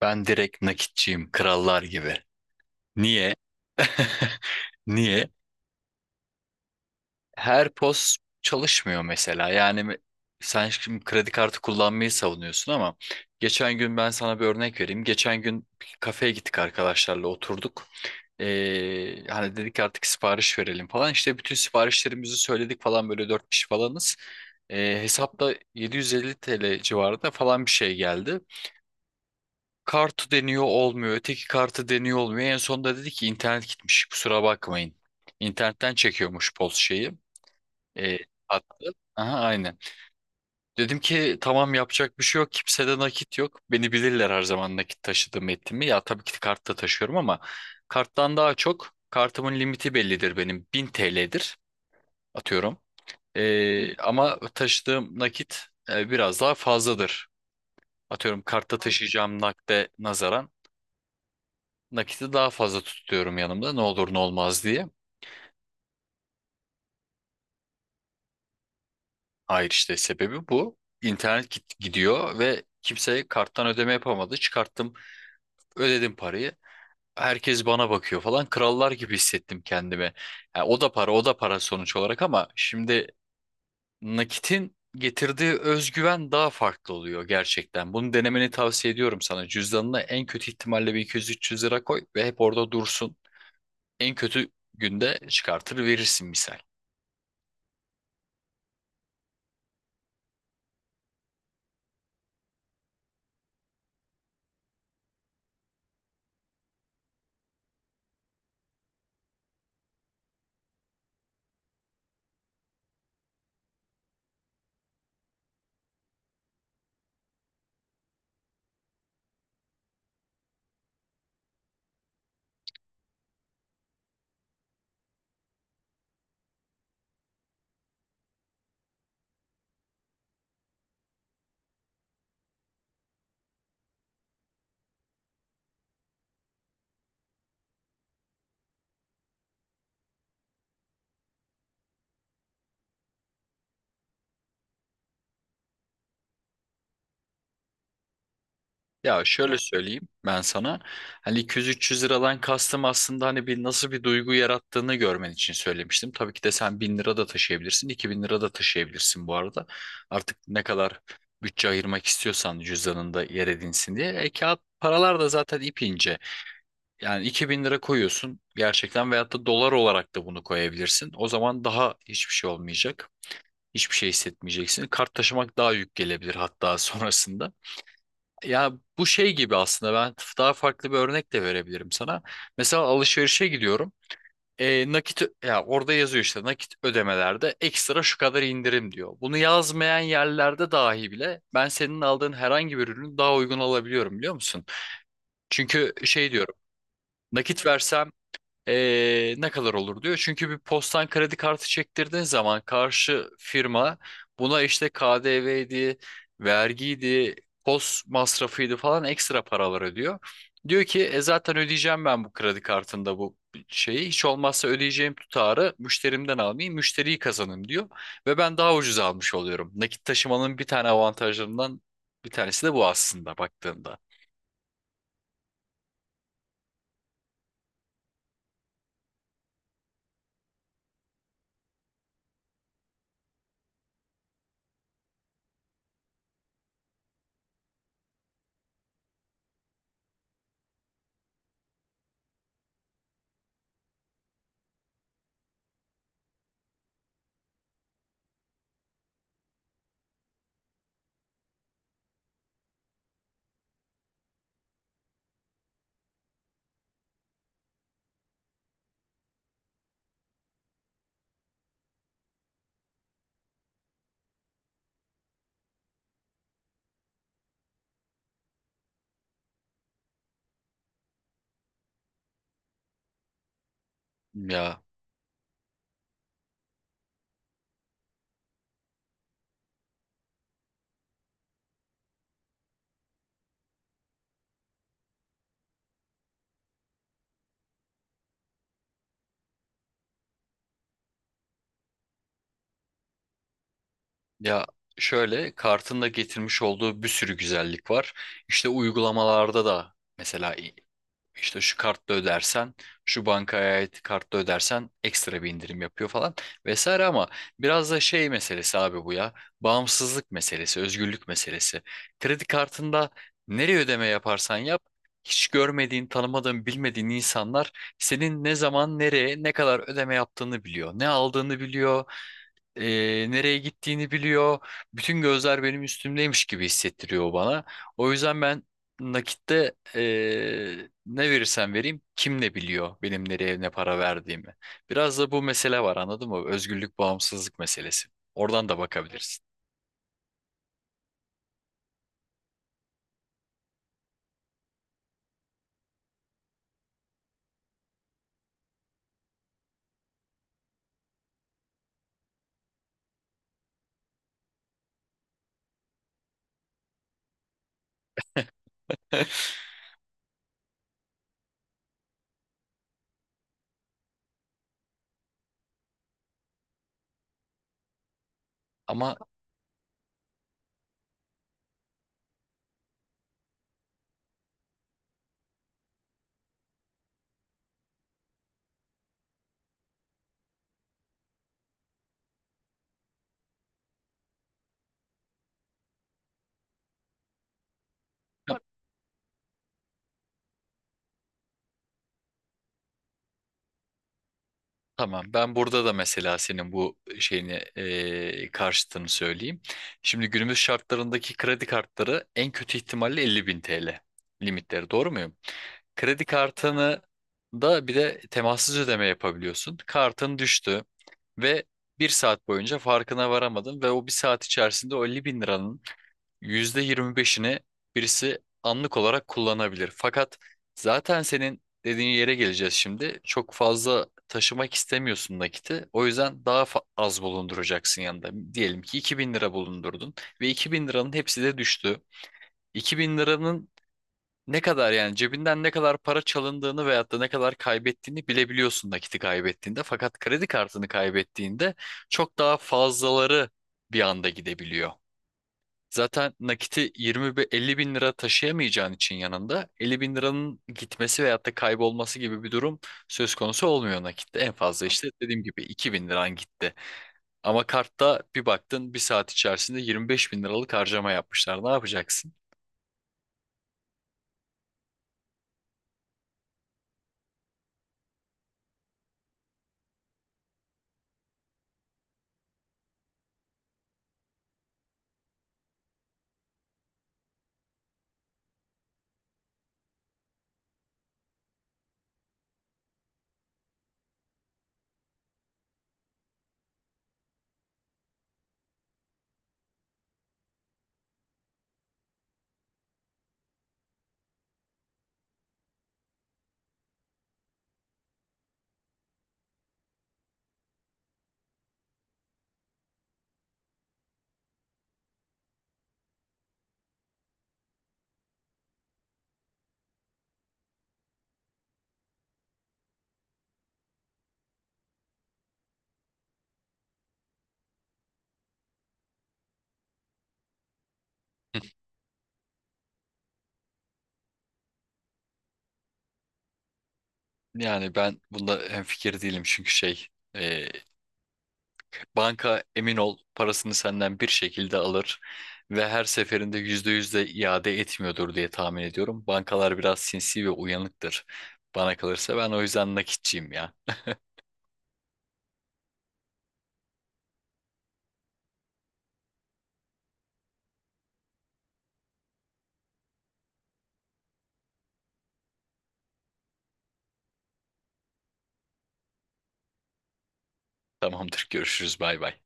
Ben direkt nakitçiyim, krallar gibi. Niye? Niye? Her POS çalışmıyor mesela. Yani sen şimdi kredi kartı kullanmayı savunuyorsun ama geçen gün ben sana bir örnek vereyim. Geçen gün bir kafeye gittik arkadaşlarla oturduk. Hani dedik artık sipariş verelim falan. İşte bütün siparişlerimizi söyledik falan böyle dört kişi falanız. Hesapta 750 TL civarında falan bir şey geldi. Kartı deniyor olmuyor. Öteki kartı deniyor olmuyor. En sonunda dedi ki internet gitmiş. Kusura bakmayın. İnternetten çekiyormuş poz şeyi. E, hattı. Aha, aynen. Dedim ki tamam yapacak bir şey yok. Kimsede nakit yok. Beni bilirler her zaman nakit taşıdığımı ettiğimi. Ya tabii ki kart da taşıyorum ama karttan daha çok kartımın limiti bellidir benim. 1000 TL'dir atıyorum. Ama taşıdığım nakit biraz daha fazladır. Atıyorum kartta taşıyacağım nakde nazaran nakiti daha fazla tutuyorum yanımda ne olur ne olmaz diye. Hayır işte sebebi bu. İnternet gidiyor ve kimse karttan ödeme yapamadı. Çıkarttım, ödedim parayı. Herkes bana bakıyor falan. Krallar gibi hissettim kendimi. Ha, o da para, o da para sonuç olarak ama şimdi nakitin getirdiği özgüven daha farklı oluyor gerçekten. Bunu denemeni tavsiye ediyorum sana. Cüzdanına en kötü ihtimalle bir 200-300 lira koy ve hep orada dursun. En kötü günde çıkartır verirsin misal. Ya şöyle söyleyeyim ben sana. Hani 200-300 liradan kastım aslında hani bir nasıl bir duygu yarattığını görmen için söylemiştim. Tabii ki de sen 1000 lira da taşıyabilirsin, 2000 lira da taşıyabilirsin bu arada. Artık ne kadar bütçe ayırmak istiyorsan cüzdanında yer edinsin diye. E kağıt paralar da zaten ip ince. Yani 2000 lira koyuyorsun gerçekten veyahut da dolar olarak da bunu koyabilirsin. O zaman daha hiçbir şey olmayacak. Hiçbir şey hissetmeyeceksin. Kart taşımak daha yük gelebilir hatta sonrasında. Ya bu şey gibi aslında ben daha farklı bir örnek de verebilirim sana. Mesela alışverişe gidiyorum. Nakit ya orada yazıyor işte nakit ödemelerde ekstra şu kadar indirim diyor. Bunu yazmayan yerlerde dahi bile ben senin aldığın herhangi bir ürünü daha uygun alabiliyorum biliyor musun? Çünkü şey diyorum. Nakit versem ne kadar olur diyor. Çünkü bir postan kredi kartı çektirdiğin zaman karşı firma buna işte KDV'ydi, vergiydi, post masrafıydı falan ekstra paralar ödüyor. Diyor ki zaten ödeyeceğim ben bu kredi kartında bu şeyi. Hiç olmazsa ödeyeceğim tutarı müşterimden almayayım, müşteriyi kazanayım diyor. Ve ben daha ucuz almış oluyorum. Nakit taşımanın bir tane avantajlarından bir tanesi de bu aslında baktığında. Ya Ya şöyle kartın da getirmiş olduğu bir sürü güzellik var. İşte uygulamalarda da mesela işte şu kartla ödersen, şu bankaya ait kartla ödersen ekstra bir indirim yapıyor falan vesaire ama biraz da şey meselesi abi bu ya. Bağımsızlık meselesi, özgürlük meselesi. Kredi kartında nereye ödeme yaparsan yap hiç görmediğin, tanımadığın, bilmediğin insanlar senin ne zaman, nereye, ne kadar ödeme yaptığını biliyor. Ne aldığını biliyor, nereye gittiğini biliyor. Bütün gözler benim üstümdeymiş gibi hissettiriyor o bana. O yüzden ben nakitte ne verirsem vereyim kim ne biliyor benim nereye ne para verdiğimi. Biraz da bu mesele var anladın mı? Özgürlük, bağımsızlık meselesi. Oradan da bakabilirsin. Ama Tamam, ben burada da mesela senin bu şeyini karşıtını söyleyeyim. Şimdi günümüz şartlarındaki kredi kartları en kötü ihtimalle 50 bin TL limitleri, doğru muyum? Kredi kartını da bir de temassız ödeme yapabiliyorsun. Kartın düştü ve bir saat boyunca farkına varamadın ve o bir saat içerisinde o 50 bin liranın %25'ini birisi anlık olarak kullanabilir. Fakat zaten senin dediğin yere geleceğiz şimdi. Çok fazla taşımak istemiyorsun nakiti. O yüzden daha az bulunduracaksın yanında. Diyelim ki 2000 lira bulundurdun ve 2000 liranın hepsi de düştü. İki bin liranın ne kadar yani cebinden ne kadar para çalındığını veyahut da ne kadar kaybettiğini bilebiliyorsun nakiti kaybettiğinde. Fakat kredi kartını kaybettiğinde çok daha fazlaları bir anda gidebiliyor. Zaten nakiti 50 bin lira taşıyamayacağın için yanında 50 bin liranın gitmesi veyahut da kaybolması gibi bir durum söz konusu olmuyor nakitte. En fazla işte dediğim gibi 2 bin liran gitti. Ama kartta bir baktın bir saat içerisinde 25 bin liralık harcama yapmışlar. Ne yapacaksın? Yani ben bunda hemfikir değilim çünkü şey e, banka emin ol parasını senden bir şekilde alır ve her seferinde yüzde iade etmiyordur diye tahmin ediyorum. Bankalar biraz sinsi ve uyanıktır. Bana kalırsa ben o yüzden nakitçiyim ya. Tamamdır görüşürüz bay bay.